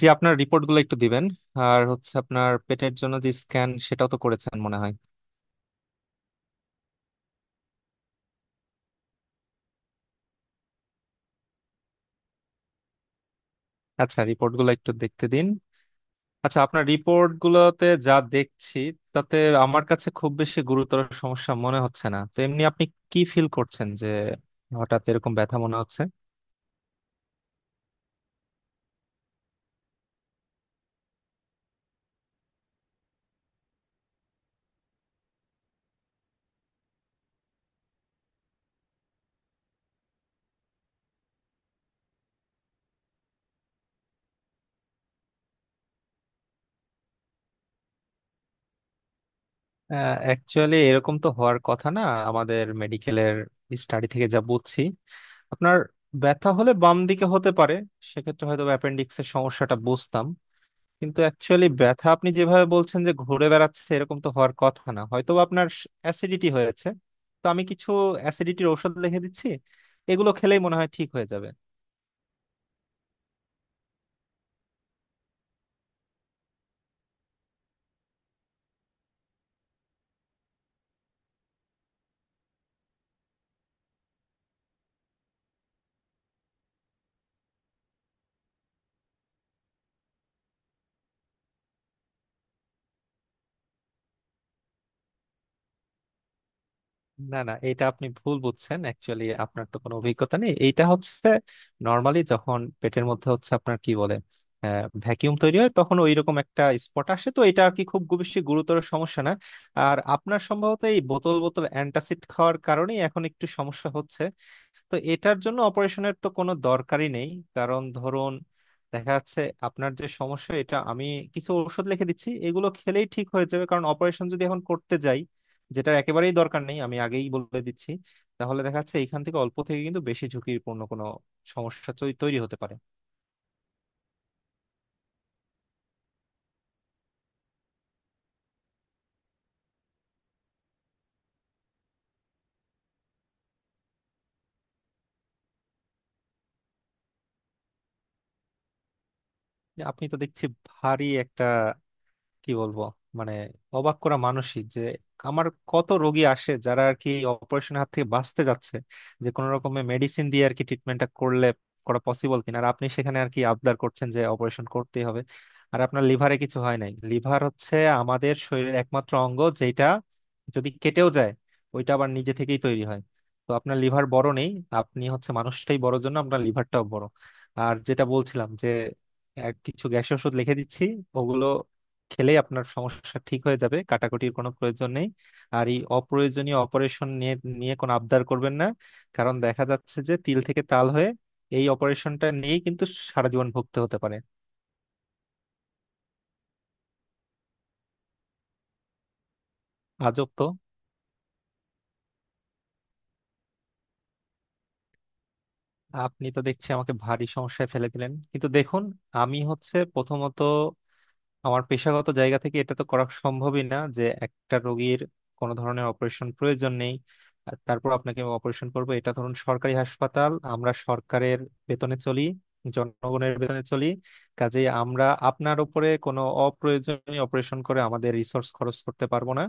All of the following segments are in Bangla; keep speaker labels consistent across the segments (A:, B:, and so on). A: জি, আপনার রিপোর্টগুলো একটু দিবেন। আর হচ্ছে আপনার পেটের জন্য যে স্ক্যান সেটাও তো করেছেন মনে হয়। আচ্ছা, রিপোর্টগুলো একটু দেখতে দিন। আচ্ছা, আপনার রিপোর্টগুলোতে যা দেখছি তাতে আমার কাছে খুব বেশি গুরুতর সমস্যা মনে হচ্ছে না। তো এমনি আপনি কি ফিল করছেন যে হঠাৎ এরকম ব্যথা মনে হচ্ছে? অ্যাকচুয়ালি এরকম তো হওয়ার কথা না। আমাদের মেডিকেলের স্টাডি থেকে যা বুঝছি, আপনার ব্যথা হলে বাম দিকে হতে পারে। সেক্ষেত্রে হয়তো অ্যাপেন্ডিক্সের সমস্যাটা বুঝতাম। কিন্তু অ্যাকচুয়ালি ব্যথা আপনি যেভাবে বলছেন যে ঘুরে বেড়াচ্ছে, এরকম তো হওয়ার কথা না। হয়তো বা আপনার অ্যাসিডিটি হয়েছে। তো আমি কিছু অ্যাসিডিটির ওষুধ লিখে দিচ্ছি, এগুলো খেলেই মনে হয় ঠিক হয়ে যাবে। না না, এটা আপনি ভুল বুঝছেন। অ্যাকচুয়ালি আপনার তো কোনো অভিজ্ঞতা নেই। এইটা হচ্ছে নর্মালি যখন পেটের মধ্যে হচ্ছে আপনার কি বলে ভ্যাকিউম তৈরি হয়, তখন ওইরকম একটা স্পট আসে। তো এটা আর কি খুব বেশি গুরুতর সমস্যা না। আর আপনার সম্ভবত এই বোতল বোতল অ্যান্টাসিড খাওয়ার কারণেই এখন একটু সমস্যা হচ্ছে। তো এটার জন্য অপারেশনের তো কোনো দরকারই নেই। কারণ ধরুন দেখা যাচ্ছে আপনার যে সমস্যা, এটা আমি কিছু ওষুধ লিখে দিচ্ছি, এগুলো খেলেই ঠিক হয়ে যাবে। কারণ অপারেশন যদি এখন করতে যাই, যেটার একেবারেই দরকার নেই আমি আগেই বলে দিচ্ছি, তাহলে দেখা যাচ্ছে এখান থেকে অল্প থেকে কিন্তু বেশি ঝুঁকিপূর্ণ কোনো সমস্যা তৈরি হতে পারে। যে আপনি তো দেখছি ভারী একটা, কি বলবো, মানে, অবাক করা মানসিক। যে আমার কত রোগী আসে যারা আর কি অপারেশন হাত থেকে বাঁচতে যাচ্ছে, যে কোনো রকমের মেডিসিন দিয়ে আর কি ট্রিটমেন্টটা করলে করা পসিবল কিনা। আর আপনি সেখানে আর কি আবদার করছেন যে অপারেশন করতেই হবে। আর আপনার লিভারে কিছু হয় নাই। লিভার হচ্ছে আমাদের শরীরের একমাত্র অঙ্গ যেটা যদি কেটেও যায়, ওইটা আবার নিজে থেকেই তৈরি হয়। তো আপনার লিভার বড় নেই, আপনি হচ্ছে মানুষটাই বড় জন্য আপনার লিভারটাও বড়। আর যেটা বলছিলাম যে এক কিছু গ্যাসের ওষুধ লিখে দিচ্ছি, ওগুলো খেলে আপনার সমস্যা ঠিক হয়ে যাবে, কাটাকুটির কোনো প্রয়োজন নেই। আর এই অপ্রয়োজনীয় অপারেশন নিয়ে নিয়ে কোনো আবদার করবেন না। কারণ দেখা যাচ্ছে যে তিল থেকে তাল হয়ে এই অপারেশনটা নিয়েই কিন্তু সারা জীবন ভুগতে হতে পারে। আজব তো। আপনি তো দেখছি আমাকে ভারী সমস্যায় ফেলে দিলেন। কিন্তু দেখুন, আমি হচ্ছে প্রথমত আমার পেশাগত জায়গা থেকে এটা তো করা সম্ভবই না যে একটা রোগীর কোনো ধরনের অপারেশন প্রয়োজন নেই আর তারপর আপনাকে অপারেশন করবো। এটা ধরুন সরকারি হাসপাতাল, আমরা সরকারের বেতনে চলি, জনগণের বেতনে চলি। কাজেই আমরা আপনার উপরে কোনো অপ্রয়োজনীয় অপারেশন করে আমাদের রিসোর্স খরচ করতে পারবো না।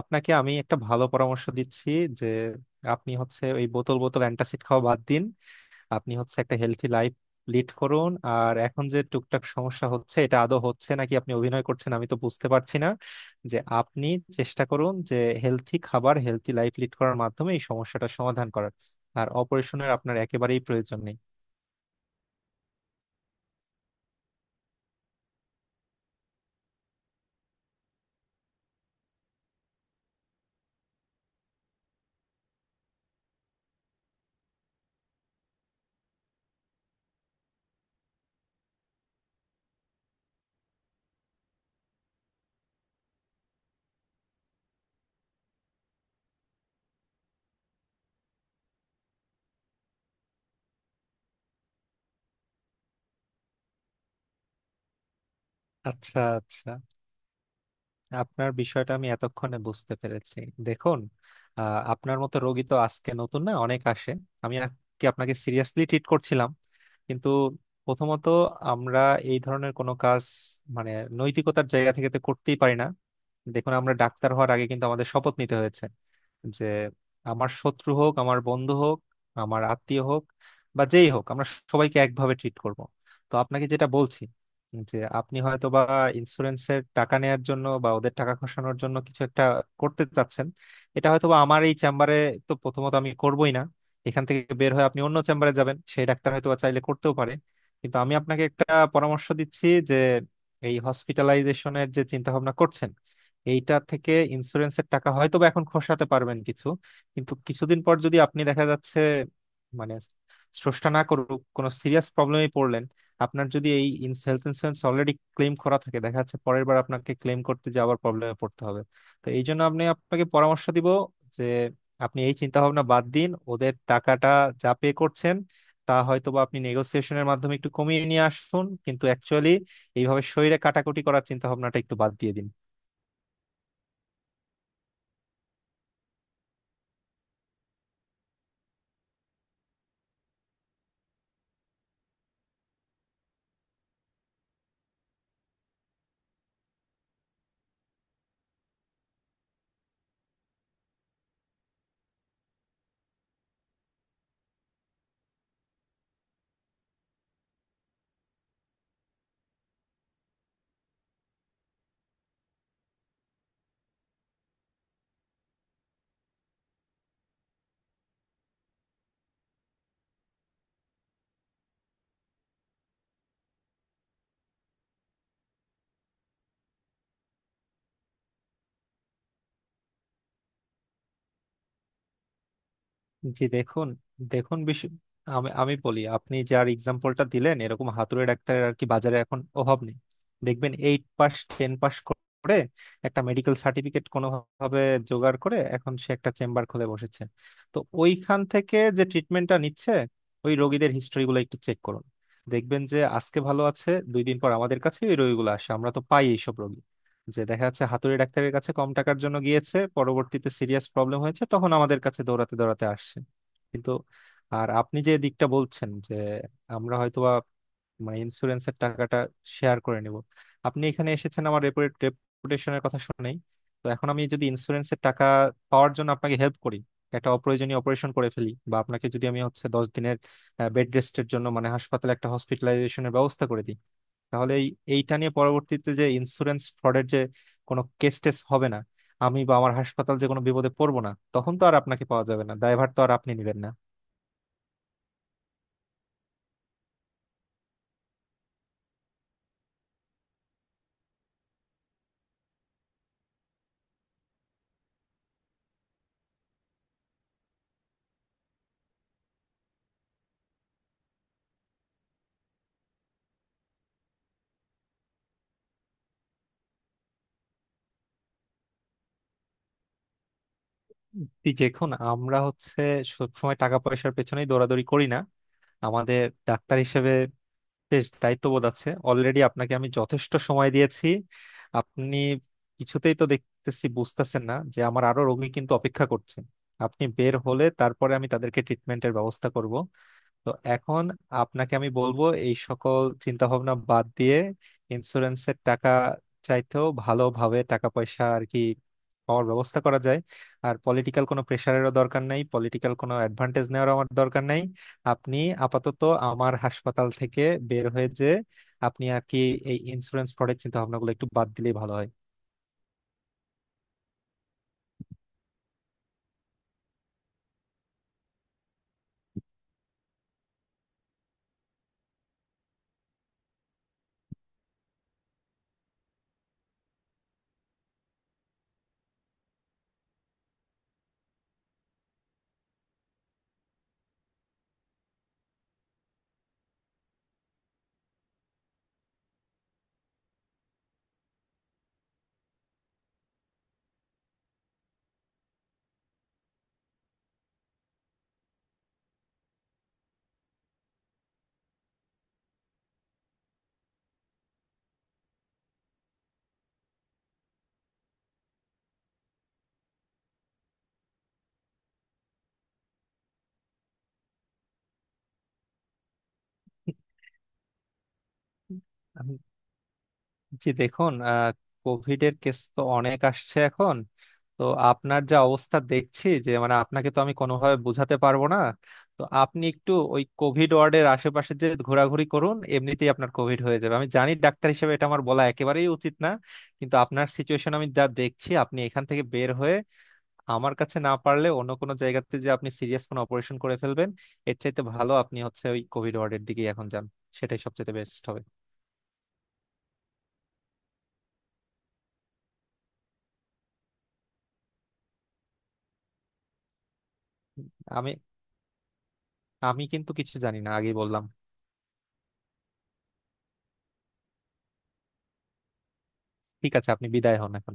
A: আপনাকে আমি একটা ভালো পরামর্শ দিচ্ছি যে আপনি হচ্ছে ওই বোতল বোতল অ্যান্টাসিড খাওয়া বাদ দিন। আপনি হচ্ছে একটা হেলথি লাইফ লিড করুন। আর এখন যে টুকটাক সমস্যা হচ্ছে এটা আদৌ হচ্ছে নাকি আপনি অভিনয় করছেন আমি তো বুঝতে পারছি না। যে আপনি চেষ্টা করুন যে হেলথি খাবার হেলথি লাইফ লিড করার মাধ্যমে এই সমস্যাটা সমাধান করার। আর অপারেশনের আপনার একেবারেই প্রয়োজন নেই। আচ্ছা আচ্ছা, আপনার বিষয়টা আমি এতক্ষণে বুঝতে পেরেছি। দেখুন, আপনার মতো রোগী তো আজকে নতুন না, অনেক আসে। আমি আর কি আপনাকে সিরিয়াসলি ট্রিট করছিলাম। কিন্তু প্রথমত আমরা এই ধরনের কোনো কাজ, মানে, নৈতিকতার জায়গা থেকে তো করতেই পারি না। দেখুন, আমরা ডাক্তার হওয়ার আগে কিন্তু আমাদের শপথ নিতে হয়েছে যে আমার শত্রু হোক, আমার বন্ধু হোক, আমার আত্মীয় হোক, বা যেই হোক, আমরা সবাইকে একভাবে ট্রিট করব। তো আপনাকে যেটা বলছি যে আপনি হয়তো বা ইন্স্যুরেন্সের টাকা নেয়ার জন্য বা ওদের টাকা খসানোর জন্য কিছু একটা করতে চাচ্ছেন, এটা হয়তো বা। আমার এই চেম্বারে তো প্রথমত আমি করবই না। এখান থেকে বের হয়ে আপনি অন্য চেম্বারে যাবেন, সেই ডাক্তার হয়তো বা চাইলে করতেও পারে। কিন্তু আমি আপনাকে একটা পরামর্শ দিচ্ছি যে এই হসপিটালাইজেশনের যে চিন্তা ভাবনা করছেন এইটা থেকে ইন্স্যুরেন্সের টাকা হয়তো বা এখন খসাতে পারবেন কিছু। কিন্তু কিছুদিন পর যদি আপনি, দেখা যাচ্ছে, মানে, স্রষ্টা না করুক, কোনো সিরিয়াস প্রবলেমে পড়লেন, আপনার যদি এই হেলথ ইন্স্যুরেন্স অলরেডি ক্লেম করা থাকে দেখা যাচ্ছে পরের বার আপনাকে ক্লেম করতে যাওয়ার প্রবলেমে পড়তে হবে। তো এই জন্য আমি আপনাকে পরামর্শ দিব যে আপনি এই চিন্তা ভাবনা বাদ দিন। ওদের টাকাটা যা পে করছেন তা হয়তো বা আপনি নেগোসিয়েশনের মাধ্যমে একটু কমিয়ে নিয়ে আসুন, কিন্তু অ্যাকচুয়ালি এইভাবে শরীরে কাটাকুটি করার চিন্তা ভাবনাটা একটু বাদ দিয়ে দিন। জি দেখুন, দেখুন বিশ- আমি আমি বলি আপনি যার এক্সাম্পলটা দিলেন, এরকম হাতুড়ে ডাক্তারের আর কি বাজারে এখন অভাব নেই। দেখবেন 8 পাস 10 পাস করে একটা মেডিকেল সার্টিফিকেট কোনোভাবে জোগাড় করে এখন সে একটা চেম্বার খুলে বসেছে। তো ওইখান থেকে যে ট্রিটমেন্টটা নিচ্ছে ওই রোগীদের হিস্ট্রিগুলো একটু চেক করুন। দেখবেন যে আজকে ভালো আছে, 2 দিন পর আমাদের কাছে ওই রোগীগুলো আসে, আমরা তো পাই এইসব রোগী। যে দেখা যাচ্ছে হাতুড়ি ডাক্তারের কাছে কম টাকার জন্য গিয়েছে, পরবর্তীতে সিরিয়াস প্রবলেম হয়েছে, তখন আমাদের কাছে দৌড়াতে দৌড়াতে আসছে। কিন্তু আর আপনি যে দিকটা বলছেন যে আমরা হয়তোবা, মানে, ইন্স্যুরেন্সের টাকাটা শেয়ার করে নিব। আপনি এখানে এসেছেন আমার রেপুটেশনের কথা শুনেই। তো এখন আমি যদি ইন্স্যুরেন্সের টাকা পাওয়ার জন্য আপনাকে হেল্প করি, একটা অপ্রয়োজনীয় অপারেশন করে ফেলি, বা আপনাকে যদি আমি হচ্ছে 10 দিনের বেড রেস্টের জন্য মানে হাসপাতালে একটা হসপিটালাইজেশনের ব্যবস্থা করে দিই, তাহলে এইটা নিয়ে পরবর্তীতে যে ইন্স্যুরেন্স ফ্রডের যে কোনো কেস টেস হবে না, আমি বা আমার হাসপাতাল যে কোনো বিপদে পড়বো না, তখন তো আর আপনাকে পাওয়া যাবে না, দায়ভার তো আর আপনি নিবেন না। এই দেখুন, আমরা হচ্ছে সবসময় টাকা পয়সার পেছনেই দৌড়াদৌড়ি করি না। আমাদের ডাক্তার হিসেবে বেশ দায়িত্ববোধ আছে। অলরেডি আপনাকে আমি যথেষ্ট সময় দিয়েছি। আপনি কিছুতেই তো দেখতেছি বুঝতেছেন না যে আমার আরো রোগী কিন্তু অপেক্ষা করছে। আপনি বের হলে তারপরে আমি তাদেরকে ট্রিটমেন্টের ব্যবস্থা করব। তো এখন আপনাকে আমি বলবো এই সকল চিন্তা ভাবনা বাদ দিয়ে ইন্স্যুরেন্সের টাকা চাইতেও ভালোভাবে টাকা পয়সা আর কি পাওয়ার ব্যবস্থা করা যায়। আর পলিটিক্যাল কোনো প্রেশারেরও দরকার নাই, পলিটিক্যাল কোনো অ্যাডভান্টেজ নেওয়ার আমার দরকার নাই। আপনি আপাতত আমার হাসপাতাল থেকে বের হয়ে যে আপনি আর কি এই ইন্স্যুরেন্স ফ্রডের চিন্তা ভাবনাগুলো একটু বাদ দিলেই ভালো হয়। জি দেখুন, কোভিড এর কেস তো অনেক আসছে এখন। তো আপনার যা অবস্থা দেখছি, যে মানে আপনাকে তো আমি কোনোভাবে বোঝাতে পারবো না। তো আপনি একটু ওই কোভিড ওয়ার্ডের আশেপাশে যে ঘোরাঘুরি করুন, এমনিতেই আপনার কোভিড হয়ে যাবে। আমি জানি ডাক্তার হিসেবে এটা আমার বলা একেবারেই উচিত না। কিন্তু আপনার সিচুয়েশন আমি যা দেখছি, আপনি এখান থেকে বের হয়ে আমার কাছে না পারলে অন্য কোনো জায়গাতে যে আপনি সিরিয়াস কোনো অপারেশন করে ফেলবেন, এর চাইতে ভালো আপনি হচ্ছে ওই কোভিড ওয়ার্ডের দিকেই এখন যান। সেটাই সবচেয়ে বেস্ট হবে। আমি আমি কিন্তু কিছু জানি না, আগেই বললাম। ঠিক আছে, আপনি বিদায় হন এখন।